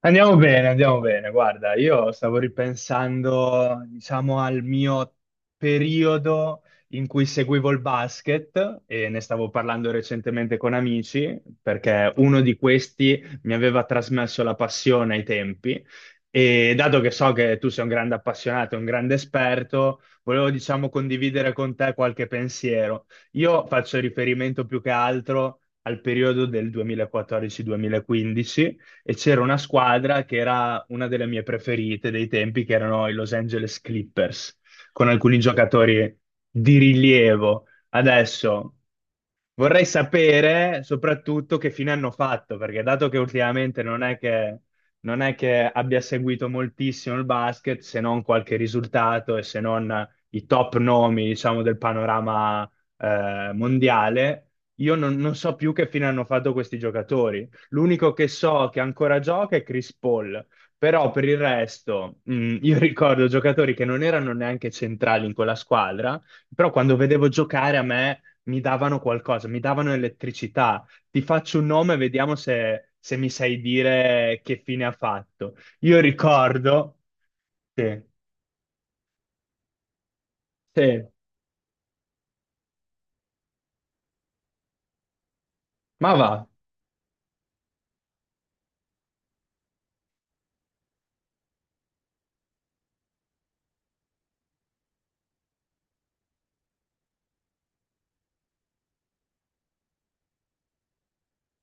Andiamo bene, andiamo bene. Guarda, io stavo ripensando, diciamo, al mio periodo in cui seguivo il basket e ne stavo parlando recentemente con amici, perché uno di questi mi aveva trasmesso la passione ai tempi e dato che so che tu sei un grande appassionato, un grande esperto, volevo, diciamo, condividere con te qualche pensiero. Io faccio riferimento più che altro al periodo del 2014-2015 e c'era una squadra che era una delle mie preferite dei tempi, che erano i Los Angeles Clippers, con alcuni giocatori di rilievo. Adesso vorrei sapere soprattutto che fine hanno fatto, perché dato che ultimamente non è che abbia seguito moltissimo il basket, se non qualche risultato e se non i top nomi, diciamo, del panorama mondiale, io non so più che fine hanno fatto questi giocatori. L'unico che so che ancora gioca è Chris Paul, però per il resto, io ricordo giocatori che non erano neanche centrali in quella squadra, però quando vedevo giocare a me mi davano qualcosa, mi davano elettricità. Ti faccio un nome e vediamo se mi sai dire che fine ha fatto. Io ricordo... Sì, sì, ma va,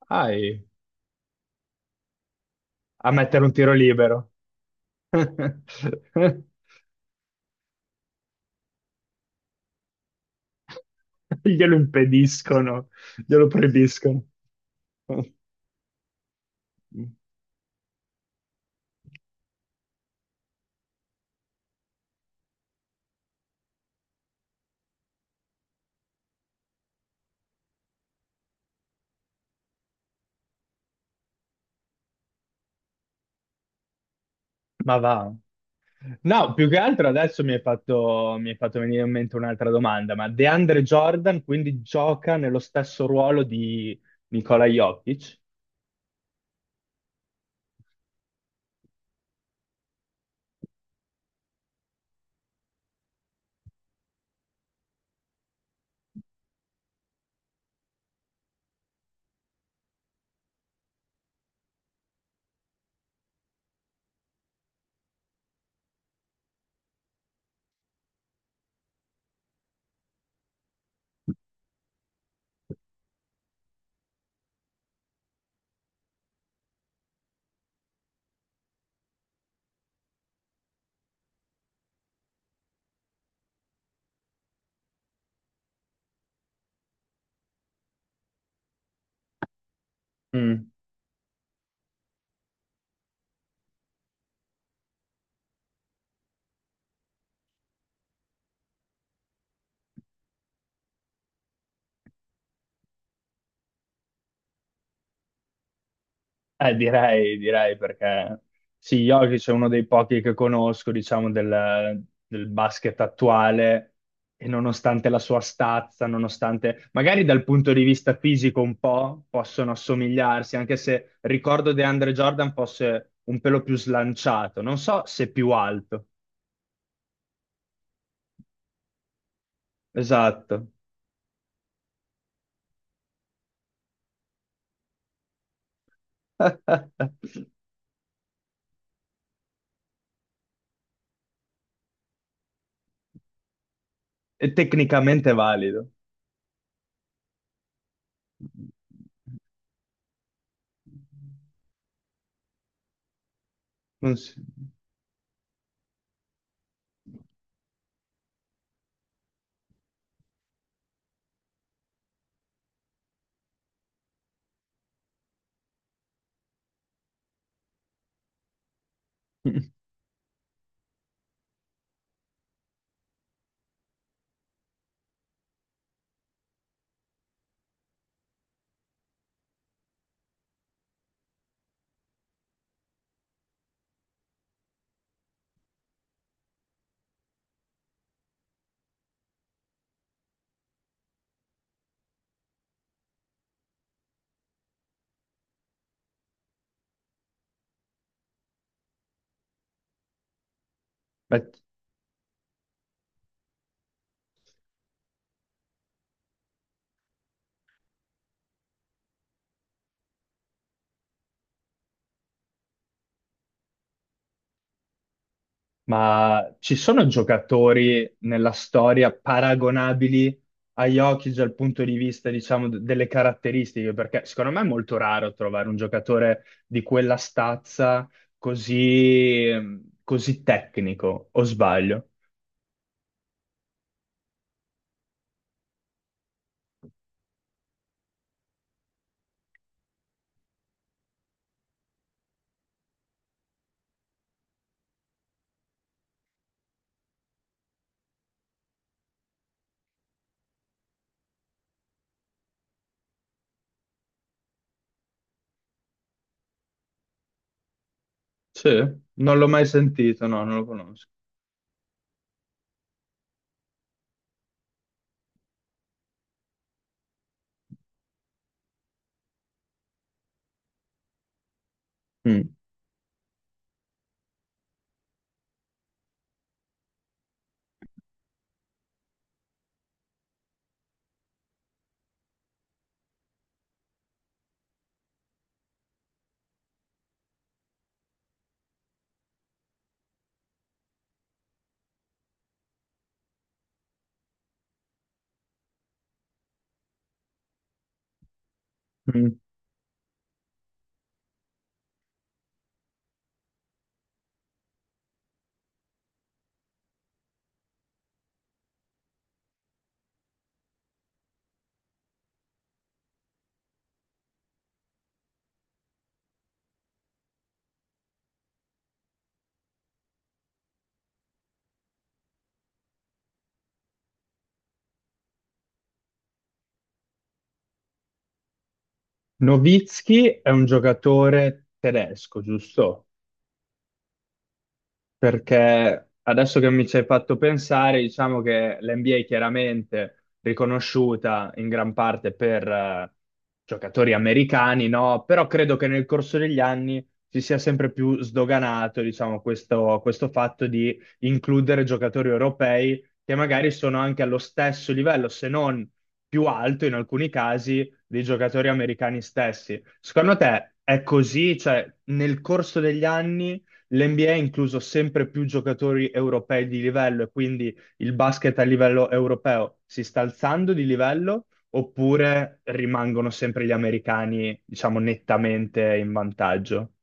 vai a mettere un tiro libero. Glielo impediscono, glielo proibiscono. Ma va. No, più che altro adesso mi hai fatto venire in mente un'altra domanda, ma DeAndre Jordan quindi gioca nello stesso ruolo di Nikola Jokic? Mm. Direi perché sì, Jokic è uno dei pochi che conosco, diciamo, del basket attuale e nonostante la sua stazza, nonostante magari dal punto di vista fisico un po' possono assomigliarsi, anche se ricordo DeAndre Jordan fosse un pelo più slanciato, non so se più alto. Esatto. È tecnicamente valido. Non si- Beh, ma ci sono giocatori nella storia paragonabili a Jokic dal punto di vista, diciamo, d- delle caratteristiche? Perché secondo me è molto raro trovare un giocatore di quella stazza così, così tecnico, o sbaglio? Sì, non l'ho mai sentito, no, non lo conosco. Mm. Nowitzki è un giocatore tedesco, giusto? Perché adesso che mi ci hai fatto pensare, diciamo che l'NBA è chiaramente riconosciuta in gran parte per giocatori americani, no? Però credo che nel corso degli anni si sia sempre più sdoganato, diciamo, questo fatto di includere giocatori europei che magari sono anche allo stesso livello, se non più alto in alcuni casi, dei giocatori americani stessi. Secondo te è così? Cioè, nel corso degli anni l'NBA ha incluso sempre più giocatori europei di livello e quindi il basket a livello europeo si sta alzando di livello oppure rimangono sempre gli americani, diciamo, nettamente in vantaggio?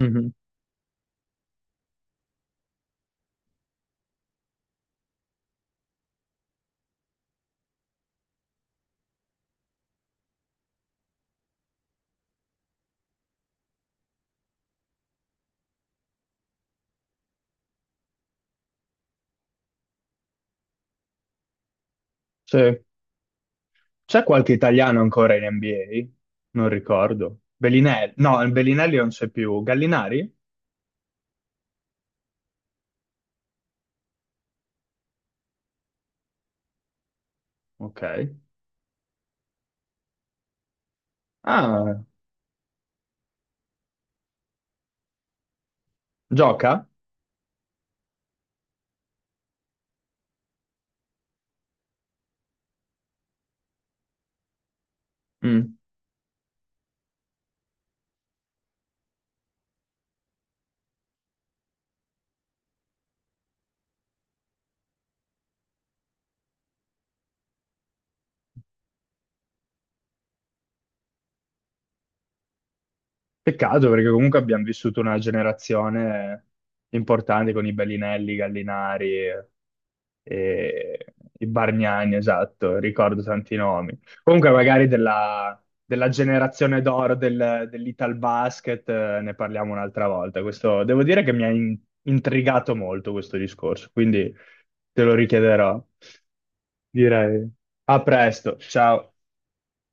Mhm. Sì. C'è qualche italiano ancora in NBA? Non ricordo. Bellinelli? No, Bellinelli non c'è più. Gallinari? Ok. Ah, gioca? Mm. Peccato perché comunque abbiamo vissuto una generazione importante con i Bellinelli, i Gallinari e i Bargnani, esatto, ricordo tanti nomi. Comunque magari della generazione d'oro dell'Italbasket ne parliamo un'altra volta. Questo, devo dire che intrigato molto questo discorso, quindi te lo richiederò. Direi a presto, ciao.